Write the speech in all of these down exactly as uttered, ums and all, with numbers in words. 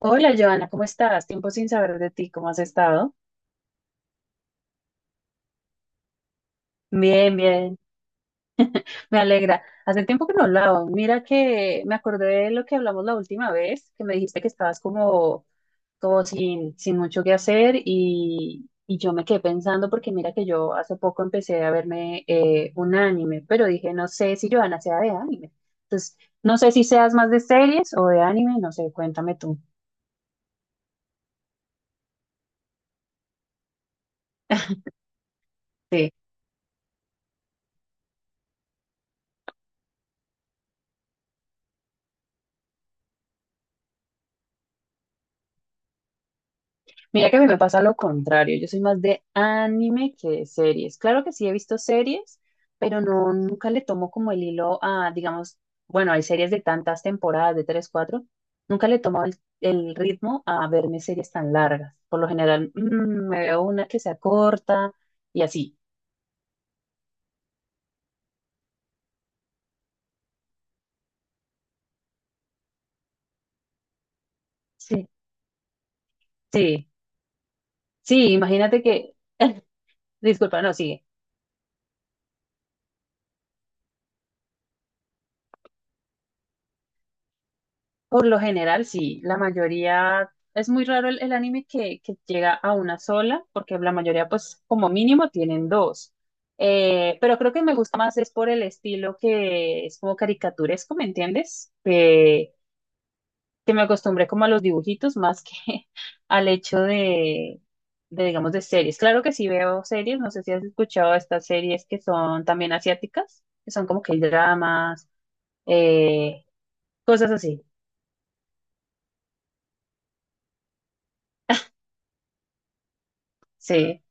Hola, Joana, ¿cómo estás? Tiempo sin saber de ti, ¿cómo has estado? Bien, bien, me alegra. Hace tiempo que no hablaba. Mira que me acordé de lo que hablamos la última vez, que me dijiste que estabas como, como sin, sin mucho que hacer y, y yo me quedé pensando porque mira que yo hace poco empecé a verme eh, un anime, pero dije, no sé si Joana sea de anime. Entonces, no sé si seas más de series o de anime, no sé, cuéntame tú. Mira que a mí me pasa lo contrario, yo soy más de anime que de series. Claro que sí he visto series, pero no, nunca le tomo como el hilo a, digamos, bueno, hay series de tantas temporadas, de tres, cuatro, nunca le tomo el, el ritmo a verme series tan largas. Por lo general, mm, me veo una que sea corta y así. Sí, sí, sí, imagínate que, disculpa, no, sigue. Por lo general, sí, la mayoría, es muy raro el, el anime que, que llega a una sola, porque la mayoría, pues, como mínimo tienen dos. Eh, pero creo que me gusta más es por el estilo que es como caricaturesco, ¿me entiendes? Que, que me acostumbré como a los dibujitos más que al hecho de, de, digamos, de series. Claro que sí veo series, no sé si has escuchado estas series que son también asiáticas, que son como que dramas, eh, cosas así, sí.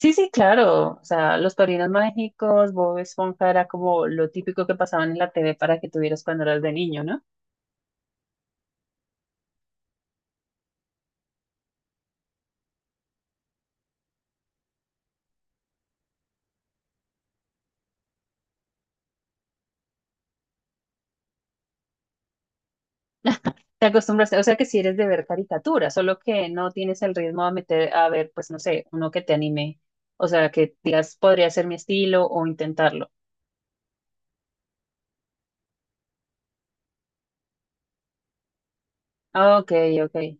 Sí, sí, claro. O sea, los Padrinos Mágicos, Bob Esponja era como lo típico que pasaban en la T V para que tuvieras cuando eras de niño, ¿no? Te acostumbraste, o sea que si eres de ver caricaturas, solo que no tienes el ritmo a meter, a ver, pues no sé, uno que te anime. O sea, que digas, podría ser mi estilo o intentarlo. Ah, ok, ok.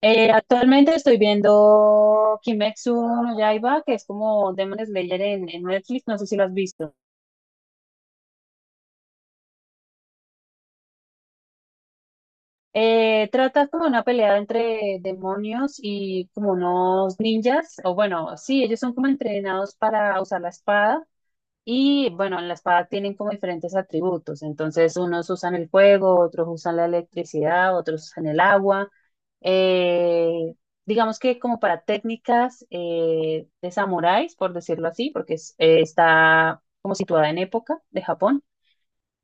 Eh, actualmente estoy viendo Kimetsu no Yaiba, que es como Demon Slayer en, en Netflix, no sé si lo has visto. Eh, trata como una pelea entre demonios y como unos ninjas, o bueno, sí, ellos son como entrenados para usar la espada y bueno, en la espada tienen como diferentes atributos, entonces unos usan el fuego, otros usan la electricidad, otros usan el agua, eh, digamos que como para técnicas eh, de samuráis, por decirlo así, porque es- eh, está como situada en época de Japón.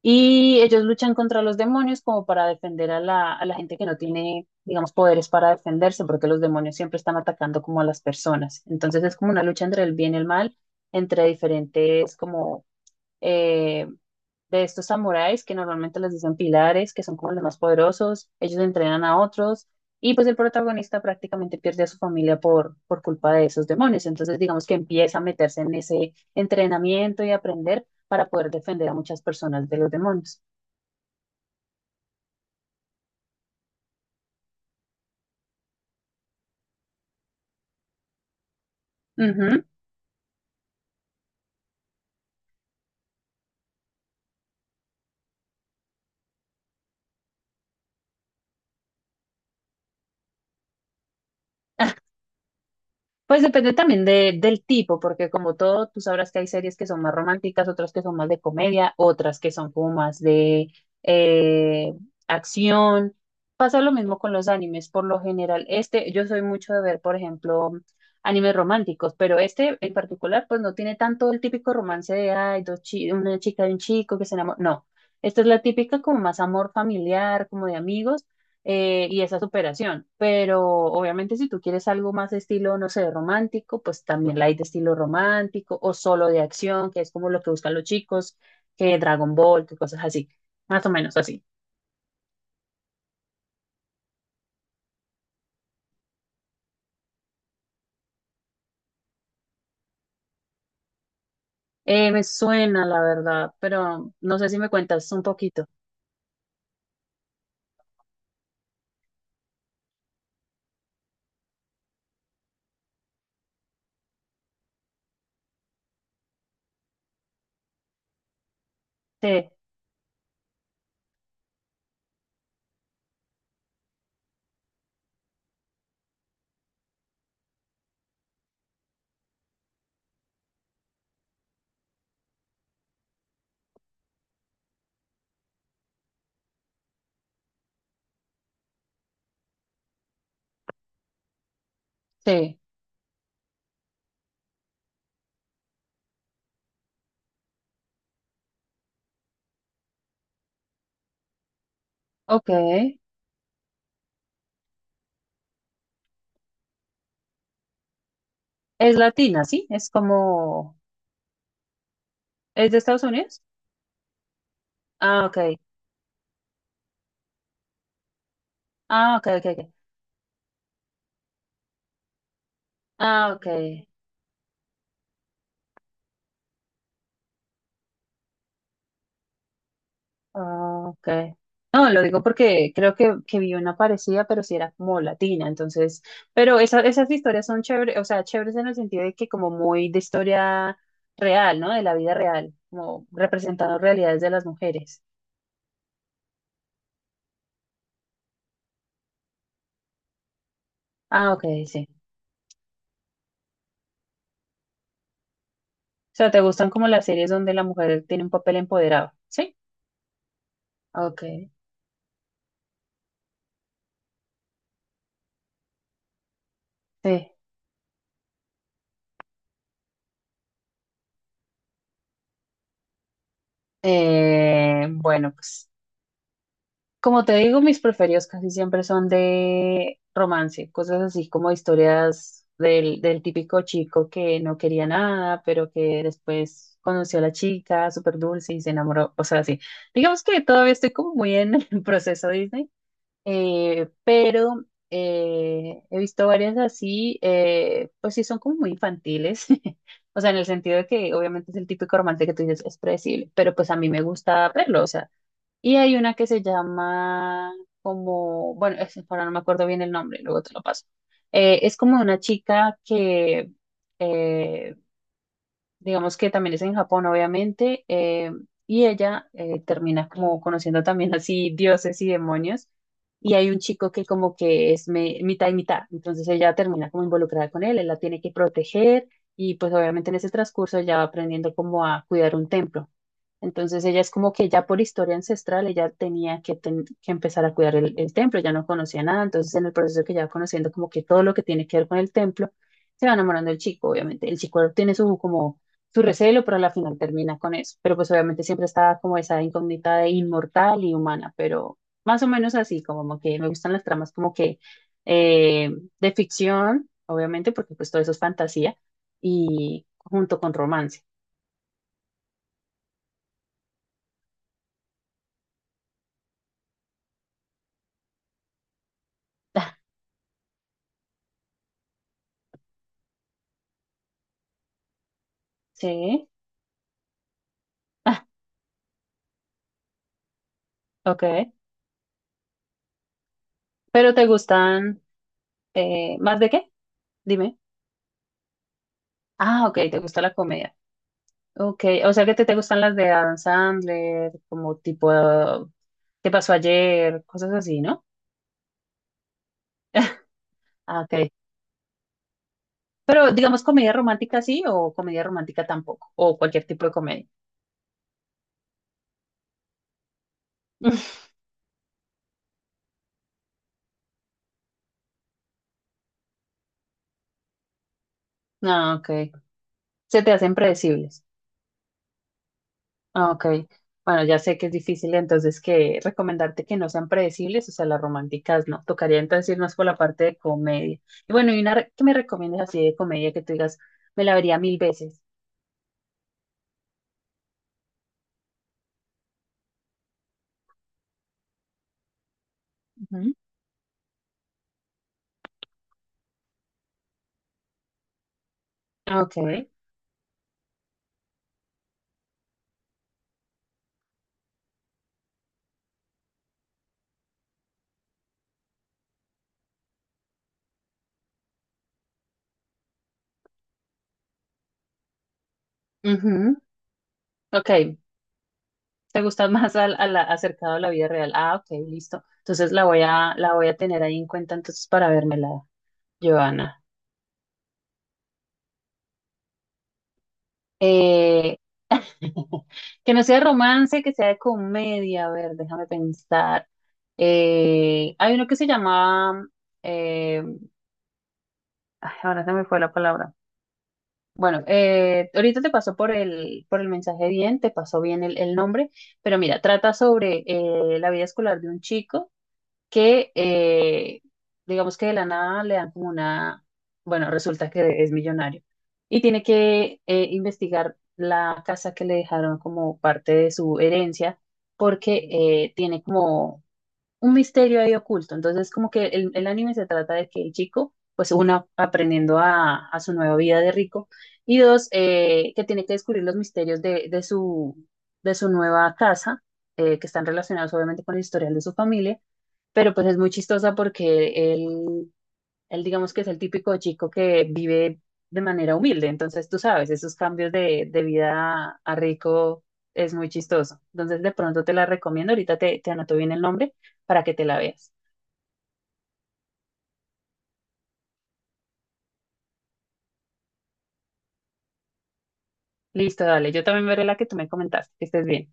Y ellos luchan contra los demonios como para defender a la, a la gente que no tiene, digamos, poderes para defenderse, porque los demonios siempre están atacando como a las personas. Entonces es como una lucha entre el bien y el mal, entre diferentes como eh, de estos samuráis que normalmente les dicen pilares, que son como los más poderosos, ellos entrenan a otros y pues el protagonista prácticamente pierde a su familia por, por culpa de esos demonios. Entonces digamos que empieza a meterse en ese entrenamiento y aprender para poder defender a muchas personas de los demonios. Ujú. Pues depende también de, del tipo, porque como todo, tú sabrás que hay series que son más románticas, otras que son más de comedia, otras que son como más de eh, acción. Pasa lo mismo con los animes, por lo general. Este, yo soy mucho de ver, por ejemplo, animes románticos, pero este en particular, pues no tiene tanto el típico romance de, ay, dos chi- una chica y un chico que se enamora. No, esta es la típica como más amor familiar, como de amigos eh, y esa superación. Pero obviamente si tú quieres algo más estilo, no sé, romántico, pues también la hay de estilo romántico o solo de acción, que es como lo que buscan los chicos, que Dragon Ball, que cosas así, más o menos así. Eh, me suena, la verdad, pero no sé si me cuentas un poquito. Sí, sí, ok. Es latina, ¿sí? Es como... ¿Es de Estados Unidos? Ah, ok. Ah, ok, ok, ok. Ah, ok. Ah, ok. No, lo digo porque creo que, que vi una parecida, pero sí era como latina, entonces, pero esa- esas historias son chéveres, o sea, chéveres en el sentido de que como muy de historia real, ¿no? De la vida real, como representando realidades de las mujeres. Ah, ok, sí. O sea, ¿te gustan como las series donde la mujer tiene un papel empoderado? Sí. Ok, sí. Eh, bueno, pues. Como te digo, mis preferidos casi siempre son de romance, cosas así como historias del, del típico chico que no quería nada, pero que después conoció a la chica, súper dulce y se enamoró, o sea, así. Digamos que todavía estoy como muy en el proceso Disney, eh, pero eh, he visto varias así, eh, pues sí son como muy infantiles, o sea, en el sentido de que obviamente es el típico romance que tú dices, es predecible, pero pues a mí me gusta verlo, o sea. Y hay una que se llama como, bueno, es- ahora no me acuerdo bien el nombre, luego te lo paso. Eh, es como una chica que, eh, digamos que también es en Japón, obviamente, eh, y ella eh, termina como conociendo también así dioses y demonios. Y hay un chico que como que es me- mitad y mitad, entonces ella termina como involucrada con él, él la tiene que proteger y pues obviamente en ese transcurso ella va aprendiendo como a cuidar un templo. Entonces ella es como que ya por historia ancestral ella tenía que, ten- que empezar a cuidar el, el templo, ya no conocía nada, entonces en el proceso que ya va conociendo como que todo lo que tiene que ver con el templo, se va enamorando del chico, obviamente. El chico tiene su como su recelo, pero a la final termina con eso. Pero pues obviamente siempre está como esa incógnita de inmortal y humana, pero más o menos así, como que me gustan las tramas como que eh, de ficción, obviamente, porque pues todo eso es fantasía, y junto con romance. Sí, ok. ¿Pero te gustan eh, más de qué? Dime. Ah, ok, te gusta la comedia. Ok, o sea que te, te gustan las de Adam Sandler, como tipo ah, ¿qué pasó ayer? Cosas así, ¿no? Ah, ok. Pero digamos comedia romántica sí o comedia romántica tampoco, o cualquier tipo de comedia. Ah, ok. Se te hacen predecibles. Ah, ok, bueno, ya sé que es difícil entonces que recomendarte que no sean predecibles, o sea, las románticas no. Tocaría entonces irnos por la parte de comedia. Y bueno, y una re- que me recomiendas así de comedia que tú digas, me la vería mil veces. Ujú. Ok, ujú, ok, te gusta más al, a la- acercado a la vida real. Ah, ok, listo. Entonces la voy a, la voy a tener ahí en cuenta entonces para vérmela, Joana. Eh, Que no sea romance, que sea de comedia. A ver, déjame pensar. Eh, hay uno que se llama. eh, Ay, ahora se me fue la palabra. Bueno, eh, ahorita te pasó por el, por el mensaje bien, te pasó bien el, el nombre, pero mira, trata sobre eh, la vida escolar de un chico que eh, digamos que de la nada le dan como una, bueno, resulta que es millonario y tiene que eh, investigar la casa que le dejaron como parte de su herencia porque eh, tiene como un misterio ahí oculto. Entonces, como que el, el anime se trata de que el chico, pues uno, aprendiendo a, a su nueva vida de rico y dos, eh, que tiene que descubrir los misterios de, de su, de su nueva casa. Eh, que están relacionados obviamente con el historial de su familia, pero pues es muy chistosa porque él, él digamos que es el típico chico que vive de manera humilde, entonces tú sabes, esos cambios de, de vida a, a rico es muy chistoso. Entonces de pronto te la recomiendo, ahorita te, te anoto bien el nombre para que te la veas. Listo, dale, yo también veré la que tú me comentaste, que estés bien.